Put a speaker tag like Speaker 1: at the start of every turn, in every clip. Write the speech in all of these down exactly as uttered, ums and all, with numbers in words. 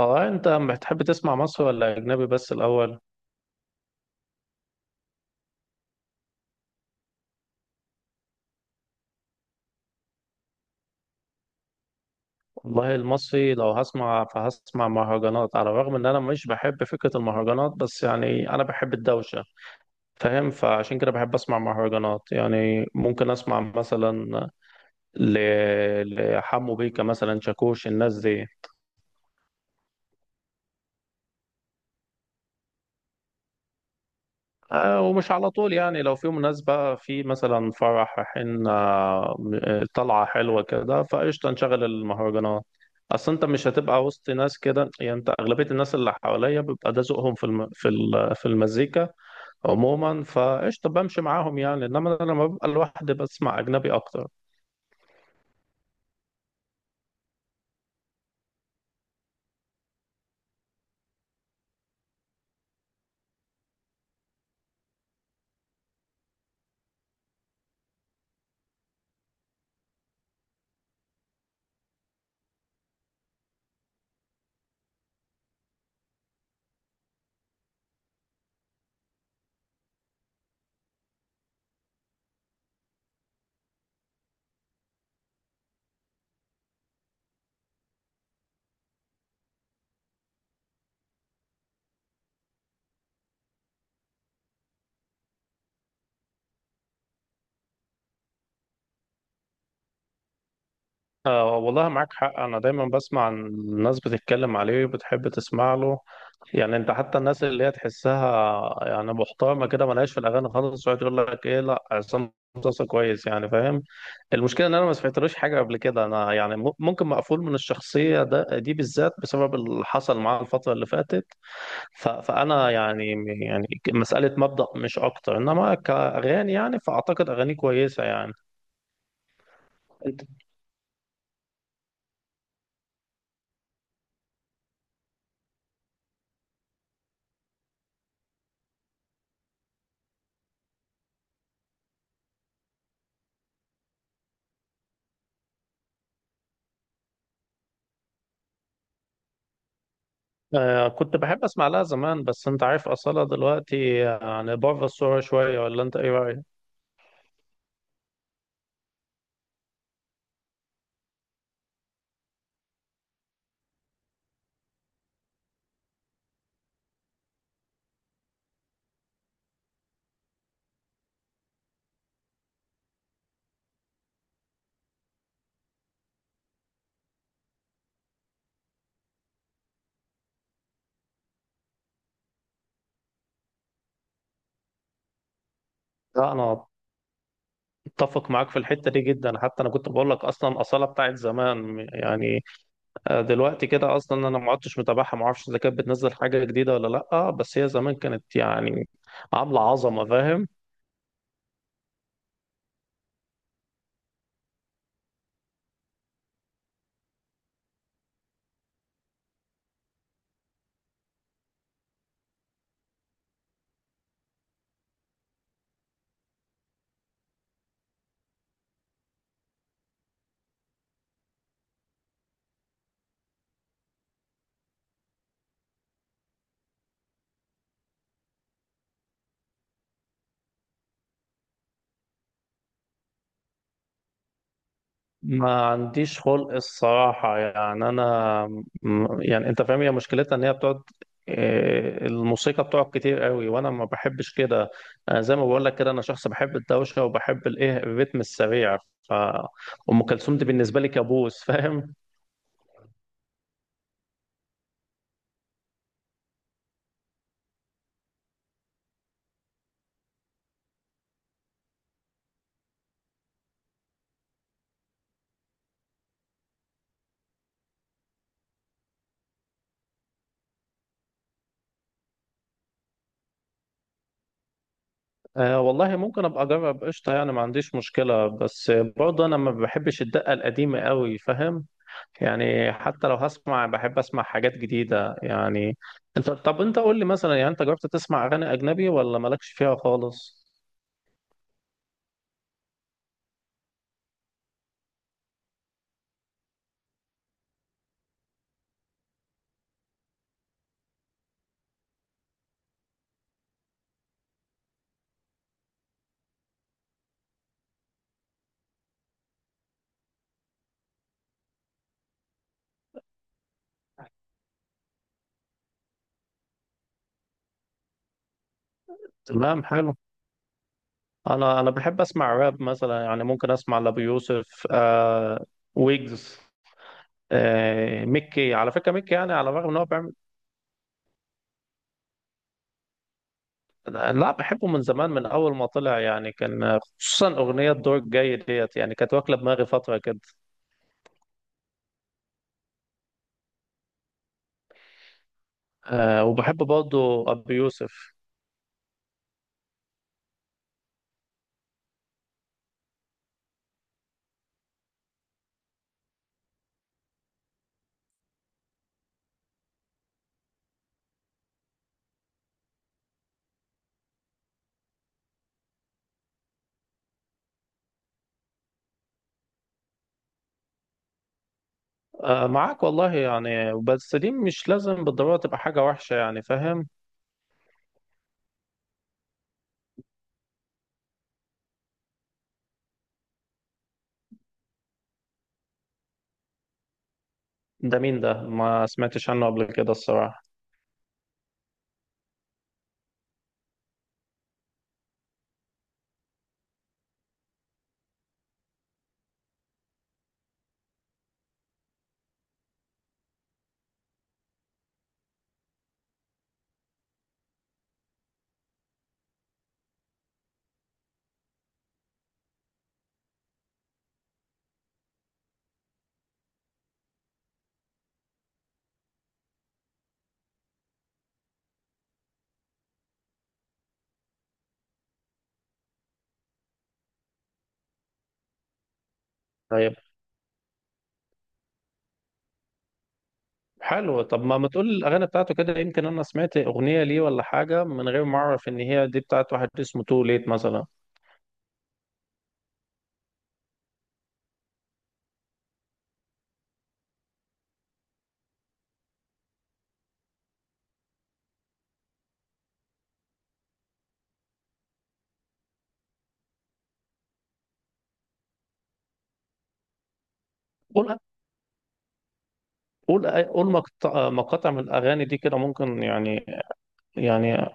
Speaker 1: اه، انت بتحب تسمع مصري ولا اجنبي بس الاول؟ والله المصري لو هسمع فهسمع مهرجانات، على الرغم ان انا مش بحب فكرة المهرجانات، بس يعني انا بحب الدوشة. فاهم؟ فعشان كده بحب اسمع مهرجانات، يعني ممكن اسمع مثلا ل... لحمو بيكا مثلا، شاكوش، الناس دي. آه، ومش على طول يعني، لو في مناسبة، في مثلا فرح رايحين آه، م- طلعة حلوة كده، فقشطة نشغل المهرجانات. أصل أنت مش هتبقى وسط ناس كده، يعني أنت أغلبية الناس اللي حواليا بيبقى ده ذوقهم في الم... في ال... في المزيكا عموما، فقشطة بمشي معاهم يعني. إنما أنا لما ببقى لوحدي بسمع أجنبي أكتر. آه، والله معاك حق، أنا دايما بسمع عن الناس بتتكلم عليه وبتحب تسمع له. يعني أنت حتى الناس اللي هي تحسها يعني محترمة كده، ملهاش في الأغاني خالص، يقعد يقول لك إيه، لا عصام صاصا كويس يعني. فاهم؟ المشكلة إن أنا ما سمعتلوش حاجة قبل كده. أنا يعني م- ممكن مقفول من الشخصية ده دي بالذات، بسبب اللي حصل معاه الفترة اللي فاتت. ف- فأنا يعني، يعني مسألة مبدأ مش أكتر، إنما كأغاني يعني فأعتقد أغانيه كويسة يعني. آه، كنت بحب اسمع لها زمان، بس انت عارف اصالة دلوقتي يعني بره الصورة شوية، ولا انت ايه رأيك؟ لا، انا اتفق معاك في الحتة دي جدا، حتى انا كنت بقول لك اصلا اصالة بتاعت زمان يعني. آه، دلوقتي كده اصلا انا ما عدتش متابعها، ما اعرفش اذا كانت بتنزل حاجة جديدة ولا لا، بس هي زمان كانت يعني عاملة عظمة. فاهم؟ ما عنديش خلق الصراحة يعني. أنا م- يعني أنت فاهم، هي مشكلتها إن هي بتقعد إيه، الموسيقى بتقعد كتير قوي، وأنا ما بحبش كده. أنا زي ما بقول لك كده، أنا شخص بحب الدوشة وبحب الإيه، الريتم السريع. ف أم كلثوم دي بالنسبة لي كابوس فاهم؟ آه والله ممكن أبقى أجرب، قشطة، يعني ما عنديش مشكلة، بس برضه أنا ما بحبش الدقة القديمة قوي. فاهم؟ يعني حتى لو هسمع بحب اسمع حاجات جديدة يعني. انت طب انت قول لي مثلا، يعني انت جربت تسمع اغاني اجنبي ولا مالكش فيها خالص؟ تمام، حلو. انا انا بحب اسمع راب مثلا، يعني ممكن اسمع لابو يوسف، آه، ويجز، آه، ميكي. على فكرة ميكي يعني على الرغم ان هو بيعمل، لا بحبه من زمان، من اول ما طلع يعني، كان خصوصا اغنية دور الجاي ديت يعني كانت واكلة دماغي فترة كده. آه، وبحب برضه ابو يوسف. آه، معاك والله يعني، بس دي مش لازم بالضرورة تبقى حاجة وحشة يعني. فاهم؟ ده مين ده؟ ما سمعتش عنه قبل كده الصراحة. طيب، حلو. طب ما ما تقول الأغاني بتاعته كده، يمكن أنا سمعت أغنية ليه ولا حاجة من غير ما أعرف إن هي دي بتاعت واحد اسمه تو ليت مثلا. قول، قول قول مقطع- مقاطع من الأغاني دي كده ممكن، يعني يعني.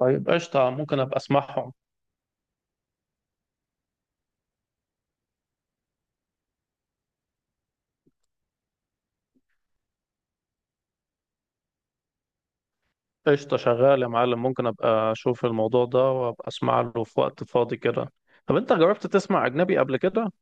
Speaker 1: طيب قشطة، ممكن أبقى أسمعهم. قشطة، شغال يا معلم، ممكن أبقى أشوف الموضوع ده وأبقى أسمع له في وقت فاضي كده. طب أنت جربت تسمع أجنبي قبل كده؟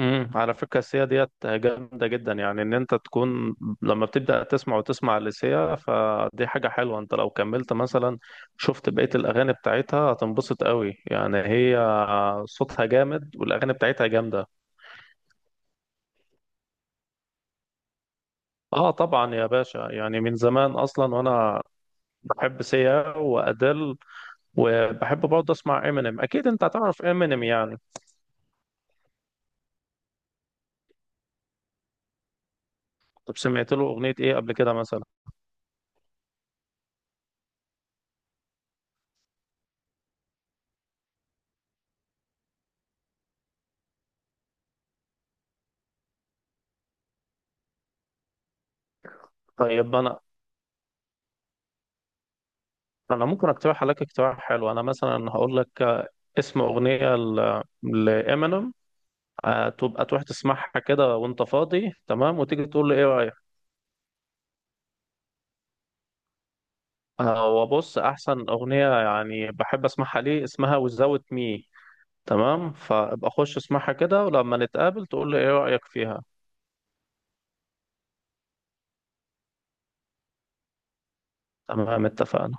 Speaker 1: امم على فكرة السيا ديت جامدة جدا، يعني ان انت تكون لما بتبدأ تسمع وتسمع لسيا فدي حاجة حلوة. انت لو كملت مثلا شفت بقية الاغاني بتاعتها هتنبسط قوي يعني. هي صوتها جامد والاغاني بتاعتها جامدة. اه طبعا يا باشا، يعني من زمان اصلا. وانا بحب سيا وادل، وبحب برضه اسمع امينيم. اكيد انت هتعرف امينيم يعني. طب سمعت له اغنية ايه قبل كده مثلا؟ طيب، انا انا ممكن اقترح عليك اقتراح حلو. انا مثلا هقول لك اسم أغنية ل- لإمينيم، آه، تبقى تروح تسمعها كده وأنت فاضي، تمام، وتيجي تقول لي إيه رأيك. آه، وبص أحسن أغنية يعني بحب أسمعها ليه اسمها وزاوت مي. تمام، فابقى خش اسمعها كده ولما نتقابل تقول لي إيه رأيك فيها. تمام اتفقنا.